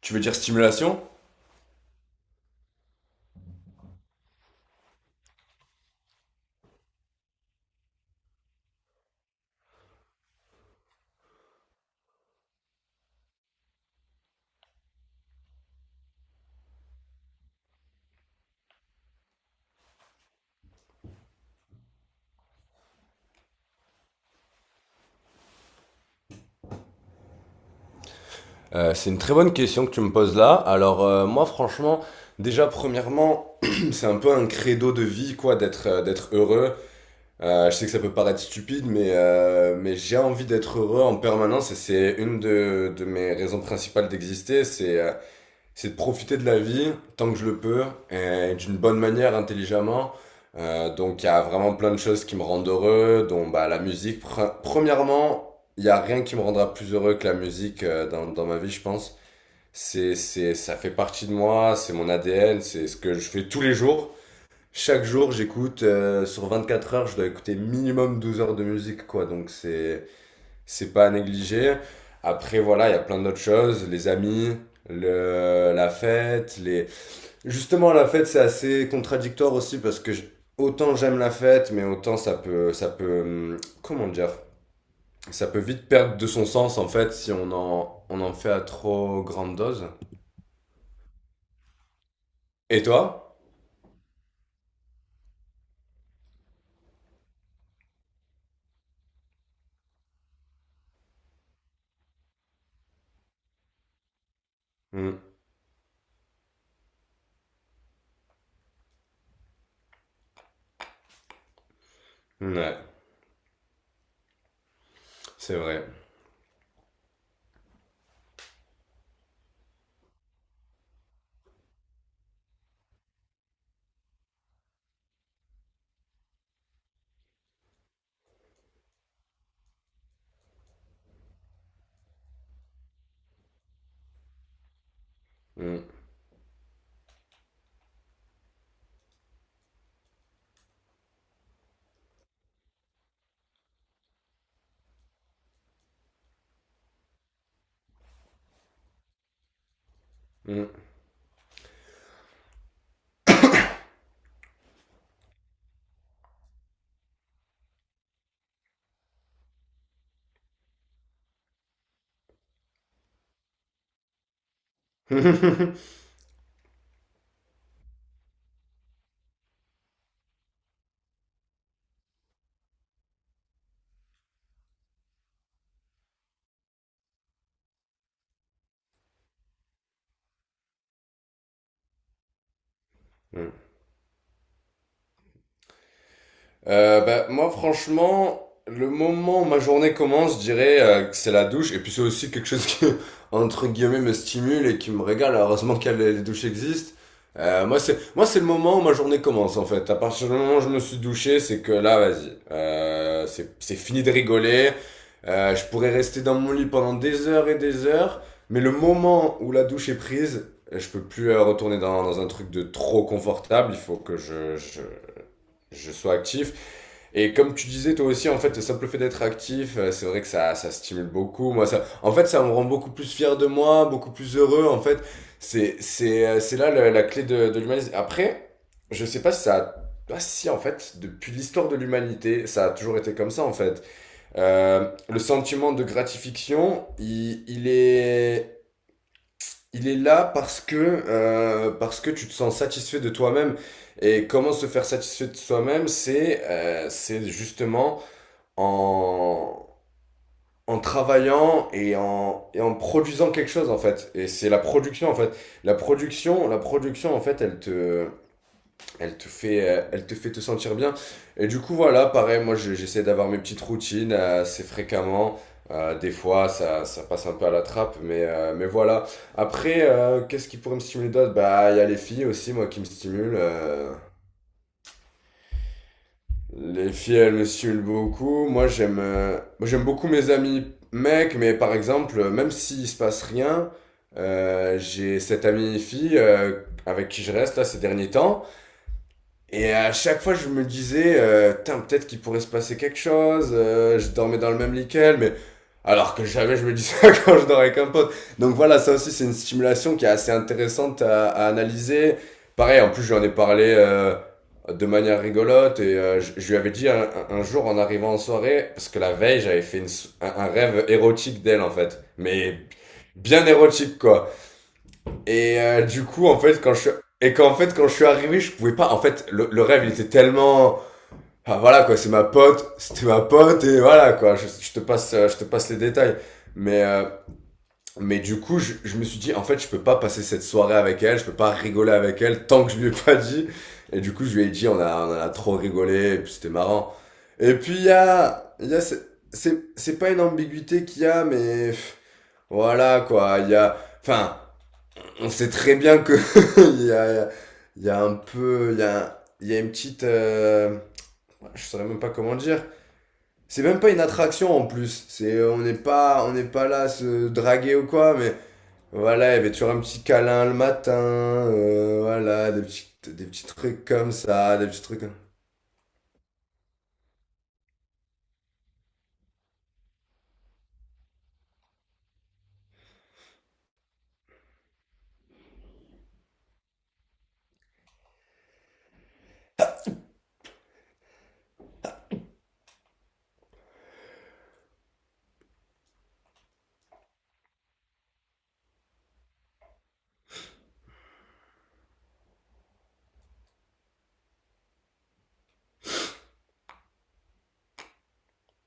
Tu veux dire stimulation? C'est une très bonne question que tu me poses là. Alors moi, franchement, déjà premièrement, c'est un peu un credo de vie, quoi, d'être d'être heureux. Je sais que ça peut paraître stupide, mais mais j'ai envie d'être heureux en permanence, et c'est une de mes raisons principales d'exister. C'est de profiter de la vie tant que je le peux, et d'une bonne manière, intelligemment. Donc il y a vraiment plein de choses qui me rendent heureux, dont bah, la musique. Premièrement, il n'y a rien qui me rendra plus heureux que la musique dans, dans ma vie, je pense. Ça fait partie de moi, c'est mon ADN, c'est ce que je fais tous les jours. Chaque jour, j'écoute, sur 4 heures, je dois écouter minimum 12 heures de musique, quoi. Donc c'est pas à négliger. Après, voilà, il y a plein d'autres choses, les amis, la fête, les... Justement, la fête, c'est assez contradictoire aussi parce que autant j'aime la fête, mais autant comment dire, ça peut vite perdre de son sens, en fait, si on en fait à trop grande dose. Et toi? Hum. Ouais, c'est vrai. Hum, hum. Hum. Bah, moi, franchement, le moment où ma journée commence, je dirais que c'est la douche. Et puis, c'est aussi quelque chose qui, entre guillemets, me stimule et qui me régale. Heureusement que les douches existent. Moi, c'est le moment où ma journée commence, en fait. À partir du moment où je me suis douché, c'est que là, vas-y. C'est fini de rigoler. Je pourrais rester dans mon lit pendant des heures et des heures. Mais le moment où la douche est prise, je peux plus retourner dans un truc de trop confortable. Il faut que je sois actif. Et comme tu disais toi aussi, en fait, le simple fait d'être actif, c'est vrai que ça stimule beaucoup. Moi, ça, en fait, ça me rend beaucoup plus fier de moi, beaucoup plus heureux. En fait, c'est là la clé de l'humanisme. Après, je sais pas si ça a... Bah si, en fait, depuis l'histoire de l'humanité, ça a toujours été comme ça, en fait. Le sentiment de gratification, il est là parce que, parce que tu te sens satisfait de toi-même. Et comment se faire satisfait de soi-même, c'est c'est justement en, en travaillant et et en produisant quelque chose, en fait. Et c'est la production, en fait. La production, en fait, elle te fait te sentir bien. Et du coup, voilà, pareil, moi, j'essaie d'avoir mes petites routines assez fréquemment. Des fois, ça passe un peu à la trappe, mais, mais voilà. Après, qu'est-ce qui pourrait me stimuler d'autre? Bah, il y a les filles aussi, moi, qui me stimulent. Les filles, elles me stimulent beaucoup. Moi, j'aime beaucoup mes amis mecs, mais par exemple, même s'il se passe rien, j'ai cette amie fille avec qui je reste là ces derniers temps. Et à chaque fois, je me disais, tain, peut-être qu'il pourrait se passer quelque chose. Je dormais dans le même lit qu'elle, mais alors que jamais je me dis ça quand je dormais avec un pote. Donc voilà, ça aussi, c'est une stimulation qui est assez intéressante à analyser. Pareil, en plus, j'en ai parlé de manière rigolote, et je lui avais dit un jour en arrivant en soirée, parce que la veille, j'avais fait un rêve érotique d'elle, en fait, mais bien érotique, quoi. Et du coup, en fait, quand je suis... Et qu'en fait, quand je suis arrivé, je pouvais pas... En fait, le rêve, il était tellement... Ah voilà, quoi, c'est ma pote, c'était ma pote, et voilà, quoi, je te passe les détails. Mais, euh, mais du coup, je me suis dit, en fait, je peux pas passer cette soirée avec elle, je peux pas rigoler avec elle tant que je lui ai pas dit. Et du coup, je lui ai dit, on a trop rigolé, et puis c'était marrant. Et puis, il Y a c'est pas une ambiguïté qu'il y a, mais... pff. Voilà, quoi, il y a... Enfin, on sait très bien que il y a, il y a une petite, ouais, je saurais même pas comment dire. C'est même pas une attraction en plus. On n'est pas là à se draguer ou quoi, mais voilà, il y avait toujours un petit câlin le matin, voilà, des petits trucs comme ça, des petits trucs.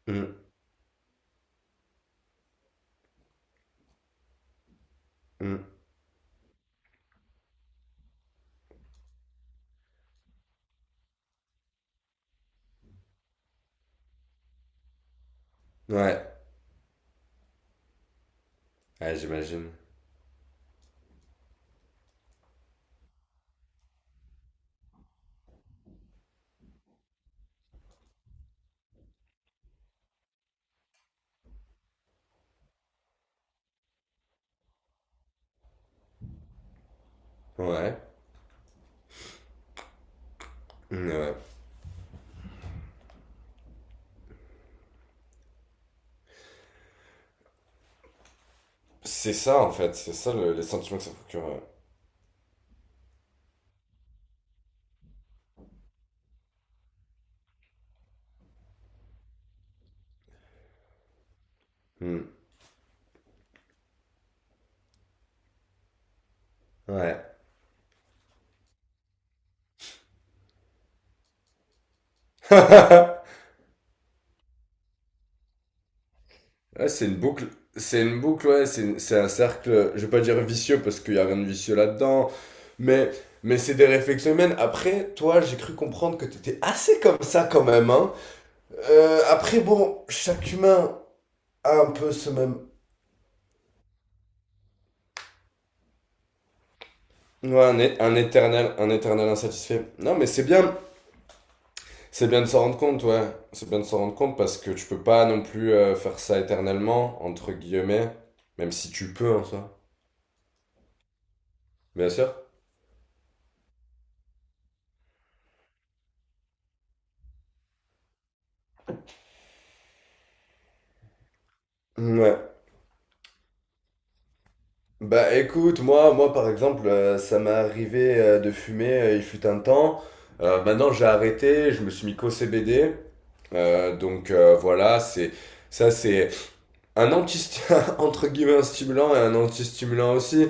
Hum, hum. Ouais, ouais, j'imagine. Ouais. Ouais. C'est ça, en fait, c'est ça les sentiments que ça procure. Ouais. Hum. Ouais. Ouais, c'est une boucle, ouais, c'est un cercle, je vais pas dire vicieux parce qu'il y a rien de vicieux là-dedans, mais, mais c'est des réflexions humaines. Après, toi, j'ai cru comprendre que t'étais assez comme ça quand même, hein. Après, bon, chaque humain a un peu ce même... Ouais, un éternel insatisfait. Non, mais c'est bien de s'en rendre compte, ouais. C'est bien de s'en rendre compte parce que tu peux pas non plus faire ça éternellement, entre guillemets, même si tu peux en soi. Bien sûr. Ouais. Bah écoute, moi par exemple, ça m'est arrivé de fumer, il fut un temps. Maintenant j'ai arrêté, je me suis mis qu'au CBD. Donc voilà, c'est un anti, entre guillemets, un stimulant et un anti-stimulant aussi.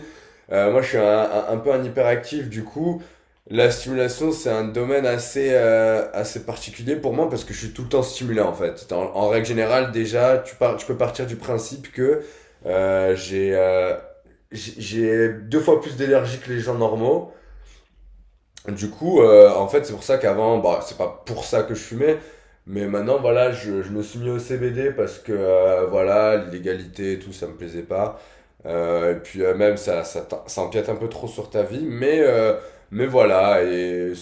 Moi, je suis un peu un hyperactif, du coup, la stimulation, c'est un domaine assez, assez particulier pour moi parce que je suis tout le temps stimulé, en fait. En règle générale, déjà, tu peux partir du principe que euh, j'ai euh, j'ai deux fois plus d'énergie que les gens normaux, du coup, en fait, c'est pour ça qu'avant, bah, c'est pas pour ça que je fumais, mais maintenant, voilà, je me suis mis au CBD parce que, voilà, l'illégalité et tout, ça me plaisait pas. Et puis, même, ça empiète un peu trop sur ta vie, mais, mais voilà, et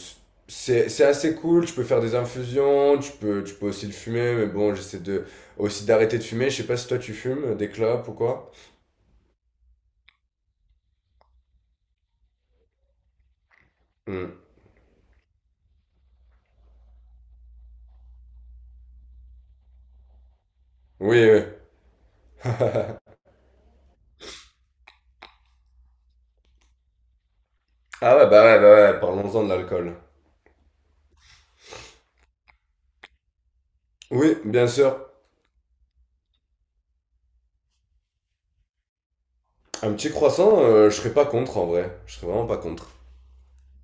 c'est assez cool. Tu peux faire des infusions, tu peux aussi le fumer, mais bon, j'essaie de, aussi d'arrêter de fumer. Je sais pas si toi tu fumes des clopes ou quoi. Hmm. Oui, oui. Ah ouais, bah ouais, bah ouais, parlons-en de l'alcool. Oui, bien sûr. Un petit croissant, je serais pas contre en vrai. Je serais vraiment pas contre.